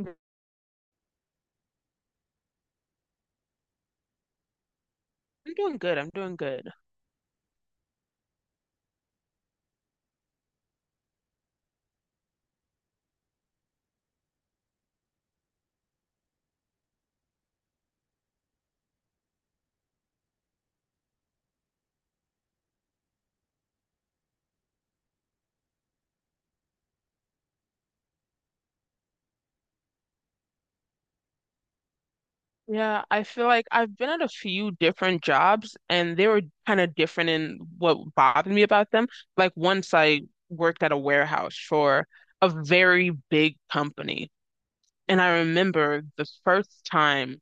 I'm doing good. I'm doing good. Yeah, I feel like I've been at a few different jobs and they were kind of different in what bothered me about them. Like once I worked at a warehouse for a very big company. And I remember the first time,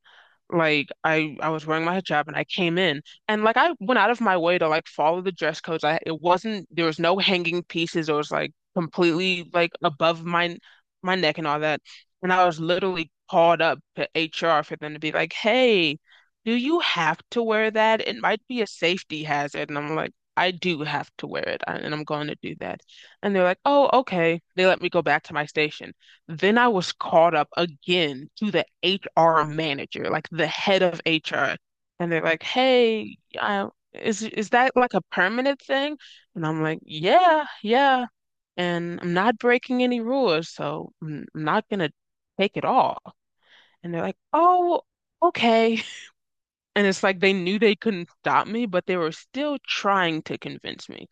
like I was wearing my hijab and I came in and like I went out of my way to like follow the dress codes. I it wasn't, there was no hanging pieces. It was like completely like above my neck and all that. And I was literally called up to HR for them to be like, "Hey, do you have to wear that? It might be a safety hazard." And I'm like, "I do have to wear it, and I'm going to do that." And they're like, "Oh, okay." They let me go back to my station. Then I was called up again to the HR manager, like the head of HR. And they're like, hey, is that like a permanent thing? And I'm like, yeah, yeah. And I'm not breaking any rules, so I'm not gonna take it all. And they're like, oh, okay. And it's like they knew they couldn't stop me, but they were still trying to convince me.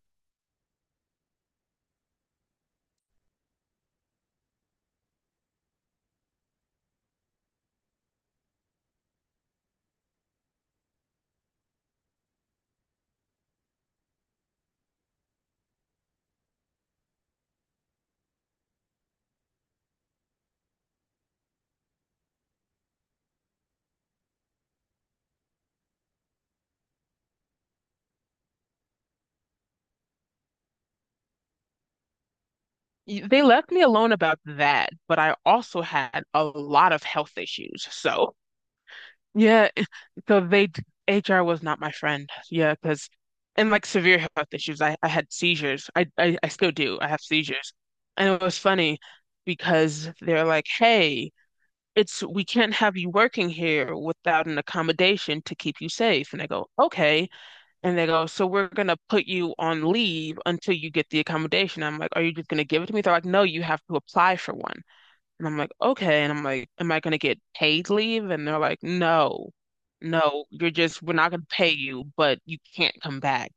They left me alone about that, but I also had a lot of health issues. So, yeah. So they HR was not my friend. Yeah, because and like severe health issues. I had seizures. I still do. I have seizures. And it was funny because they're like, "Hey, it's we can't have you working here without an accommodation to keep you safe." And I go, "Okay." And they go, "So we're gonna put you on leave until you get the accommodation." I'm like, "Are you just gonna give it to me?" They're like, "No, you have to apply for one." And I'm like, okay. And I'm like, am I gonna get paid leave? And they're like, no, no, we're not gonna pay you, but you can't come back.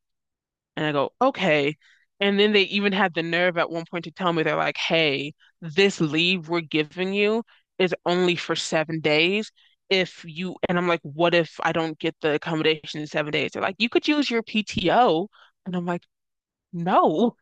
And I go, okay. And then they even had the nerve at one point to tell me, they're like, hey, this leave we're giving you is only for 7 days. If you, and I'm like, what if I don't get the accommodation in 7 days? They're like, you could use your PTO. And I'm like, no.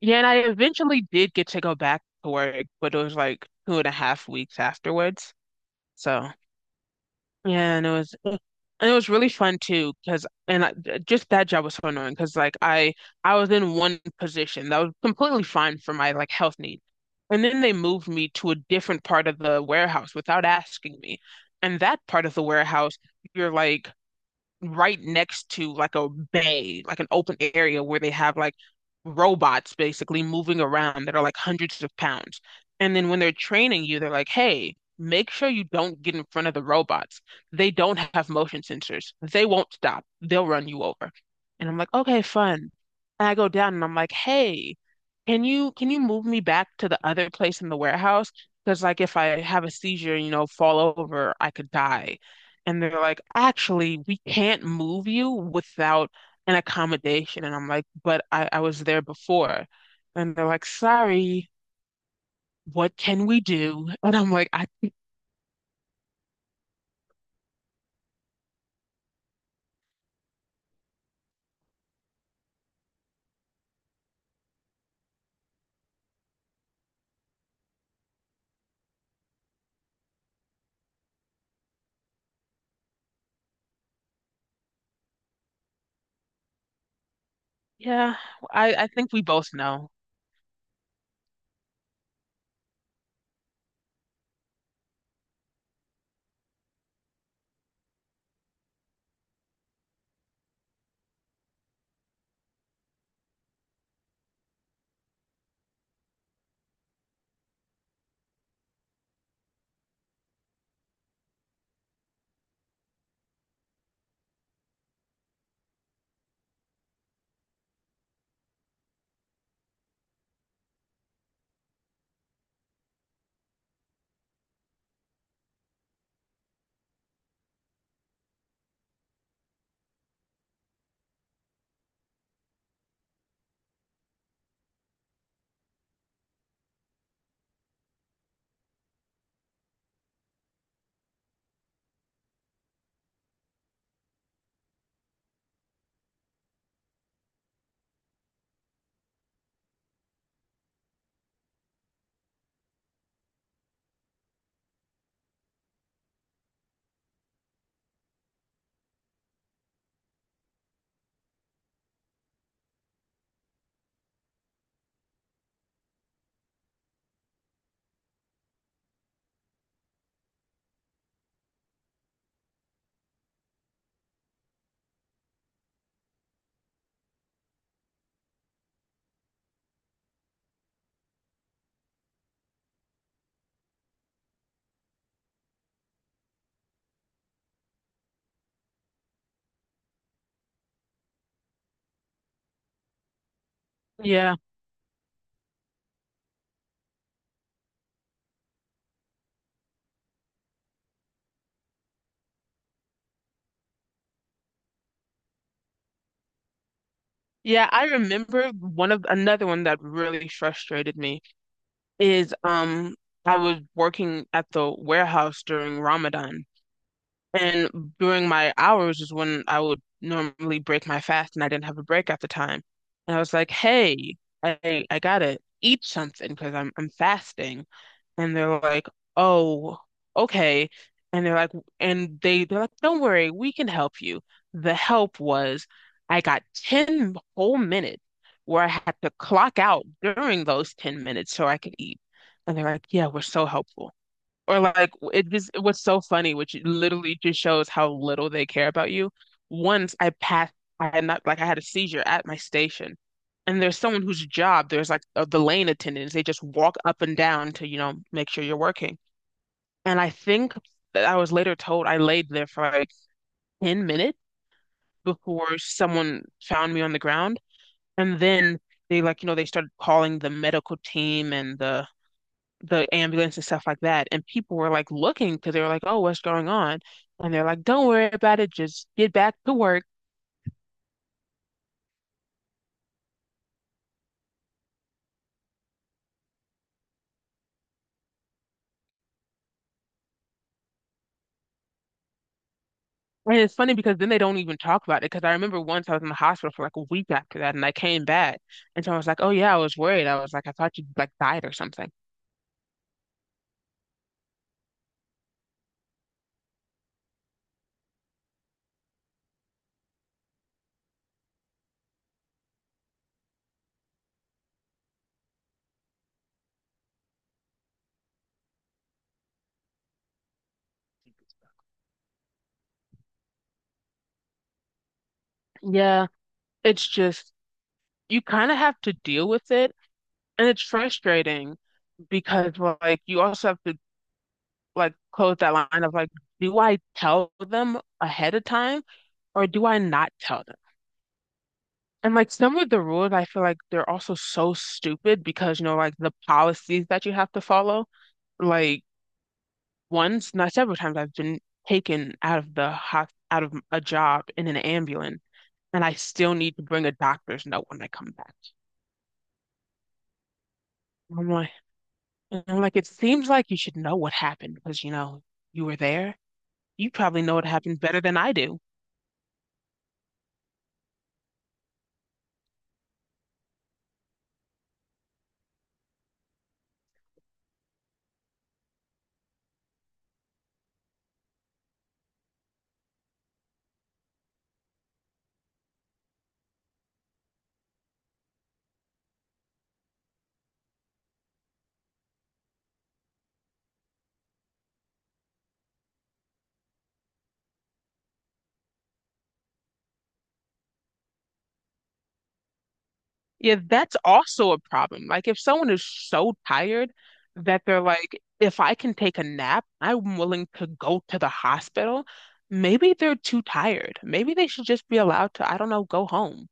Yeah, and I eventually did get to go back to work, but it was like 2.5 weeks afterwards. So yeah, and it was really fun too, just that job was so annoying because like I was in one position that was completely fine for my like health needs, and then they moved me to a different part of the warehouse without asking me, and that part of the warehouse you're like right next to like a bay, like an open area where they have like robots basically moving around that are like hundreds of pounds. And then when they're training you, they're like, hey, make sure you don't get in front of the robots. They don't have motion sensors. They won't stop. They'll run you over. And I'm like, okay, fun. And I go down and I'm like, hey, can you move me back to the other place in the warehouse? Because like if I have a seizure, fall over, I could die. And they're like, actually, we can't move you without an accommodation. And I'm like, but I was there before. And they're like, sorry, what can we do? And I'm like, yeah, I think we both know. Yeah. Yeah, I remember one of another one that really frustrated me is I was working at the warehouse during Ramadan. And during my hours is when I would normally break my fast, and I didn't have a break at the time. And I was like, "Hey, I gotta eat something because I'm fasting." And they're like, "Oh, okay." And they're like, and they they're like, "Don't worry, we can help you." The help was I got 10 whole minutes where I had to clock out during those 10 minutes so I could eat. And they're like, "Yeah, we're so helpful." Or like it was so funny, which literally just shows how little they care about you. Once I passed, I had not like I had a seizure at my station, and there's someone whose job there's like the lane attendants. They just walk up and down to make sure you're working. And I think that I was later told I laid there for like 10 minutes before someone found me on the ground, and then they, like, they started calling the medical team and the ambulance and stuff like that. And people were like looking because they were like, oh, what's going on? And they're like, don't worry about it. Just get back to work. And it's funny because then they don't even talk about it. Because I remember once I was in the hospital for like a week after that and I came back. And someone was like, oh, yeah, I was worried. I was like, I thought you like died or something. Yeah, it's just, you kind of have to deal with it. And it's frustrating because, well, like, you also have to like close that line of like, do I tell them ahead of time or do I not tell them? And like some of the rules, I feel like they're also so stupid because, you know, like the policies that you have to follow. Like once, not several times, I've been taken out of a job in an ambulance, and I still need to bring a doctor's note when I come back. I'm like, I'm like, it seems like you should know what happened because, you know, you were there. You probably know what happened better than I do. Yeah, that's also a problem. Like if someone is so tired that they're like, if I can take a nap, I'm willing to go to the hospital. Maybe they're too tired. Maybe they should just be allowed to, I don't know, go home.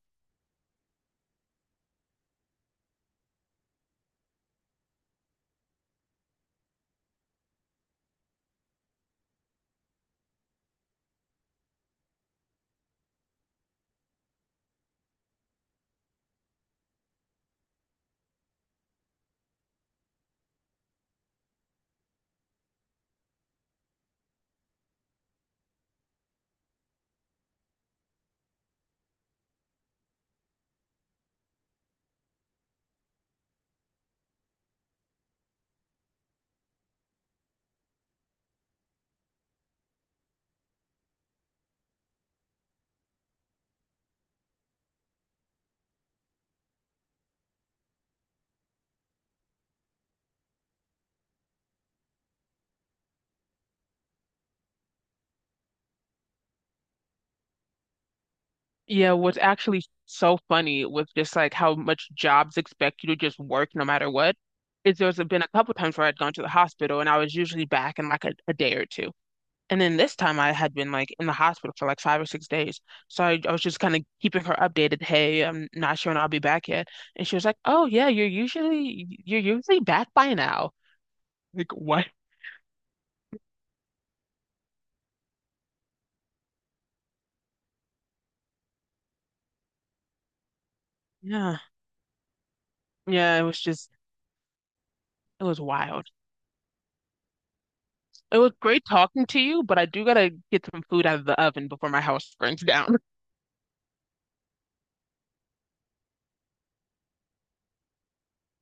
Yeah, what's actually so funny with just like how much jobs expect you to just work no matter what is there's been a couple times where I'd gone to the hospital and I was usually back in like a day or two. And then this time I had been like in the hospital for like 5 or 6 days. So I was just kind of keeping her updated. Hey, I'm not sure when I'll be back yet. And she was like, oh yeah, you're usually back by now. Like what? Yeah. Yeah, it was wild. It was great talking to you, but I do gotta get some food out of the oven before my house burns down.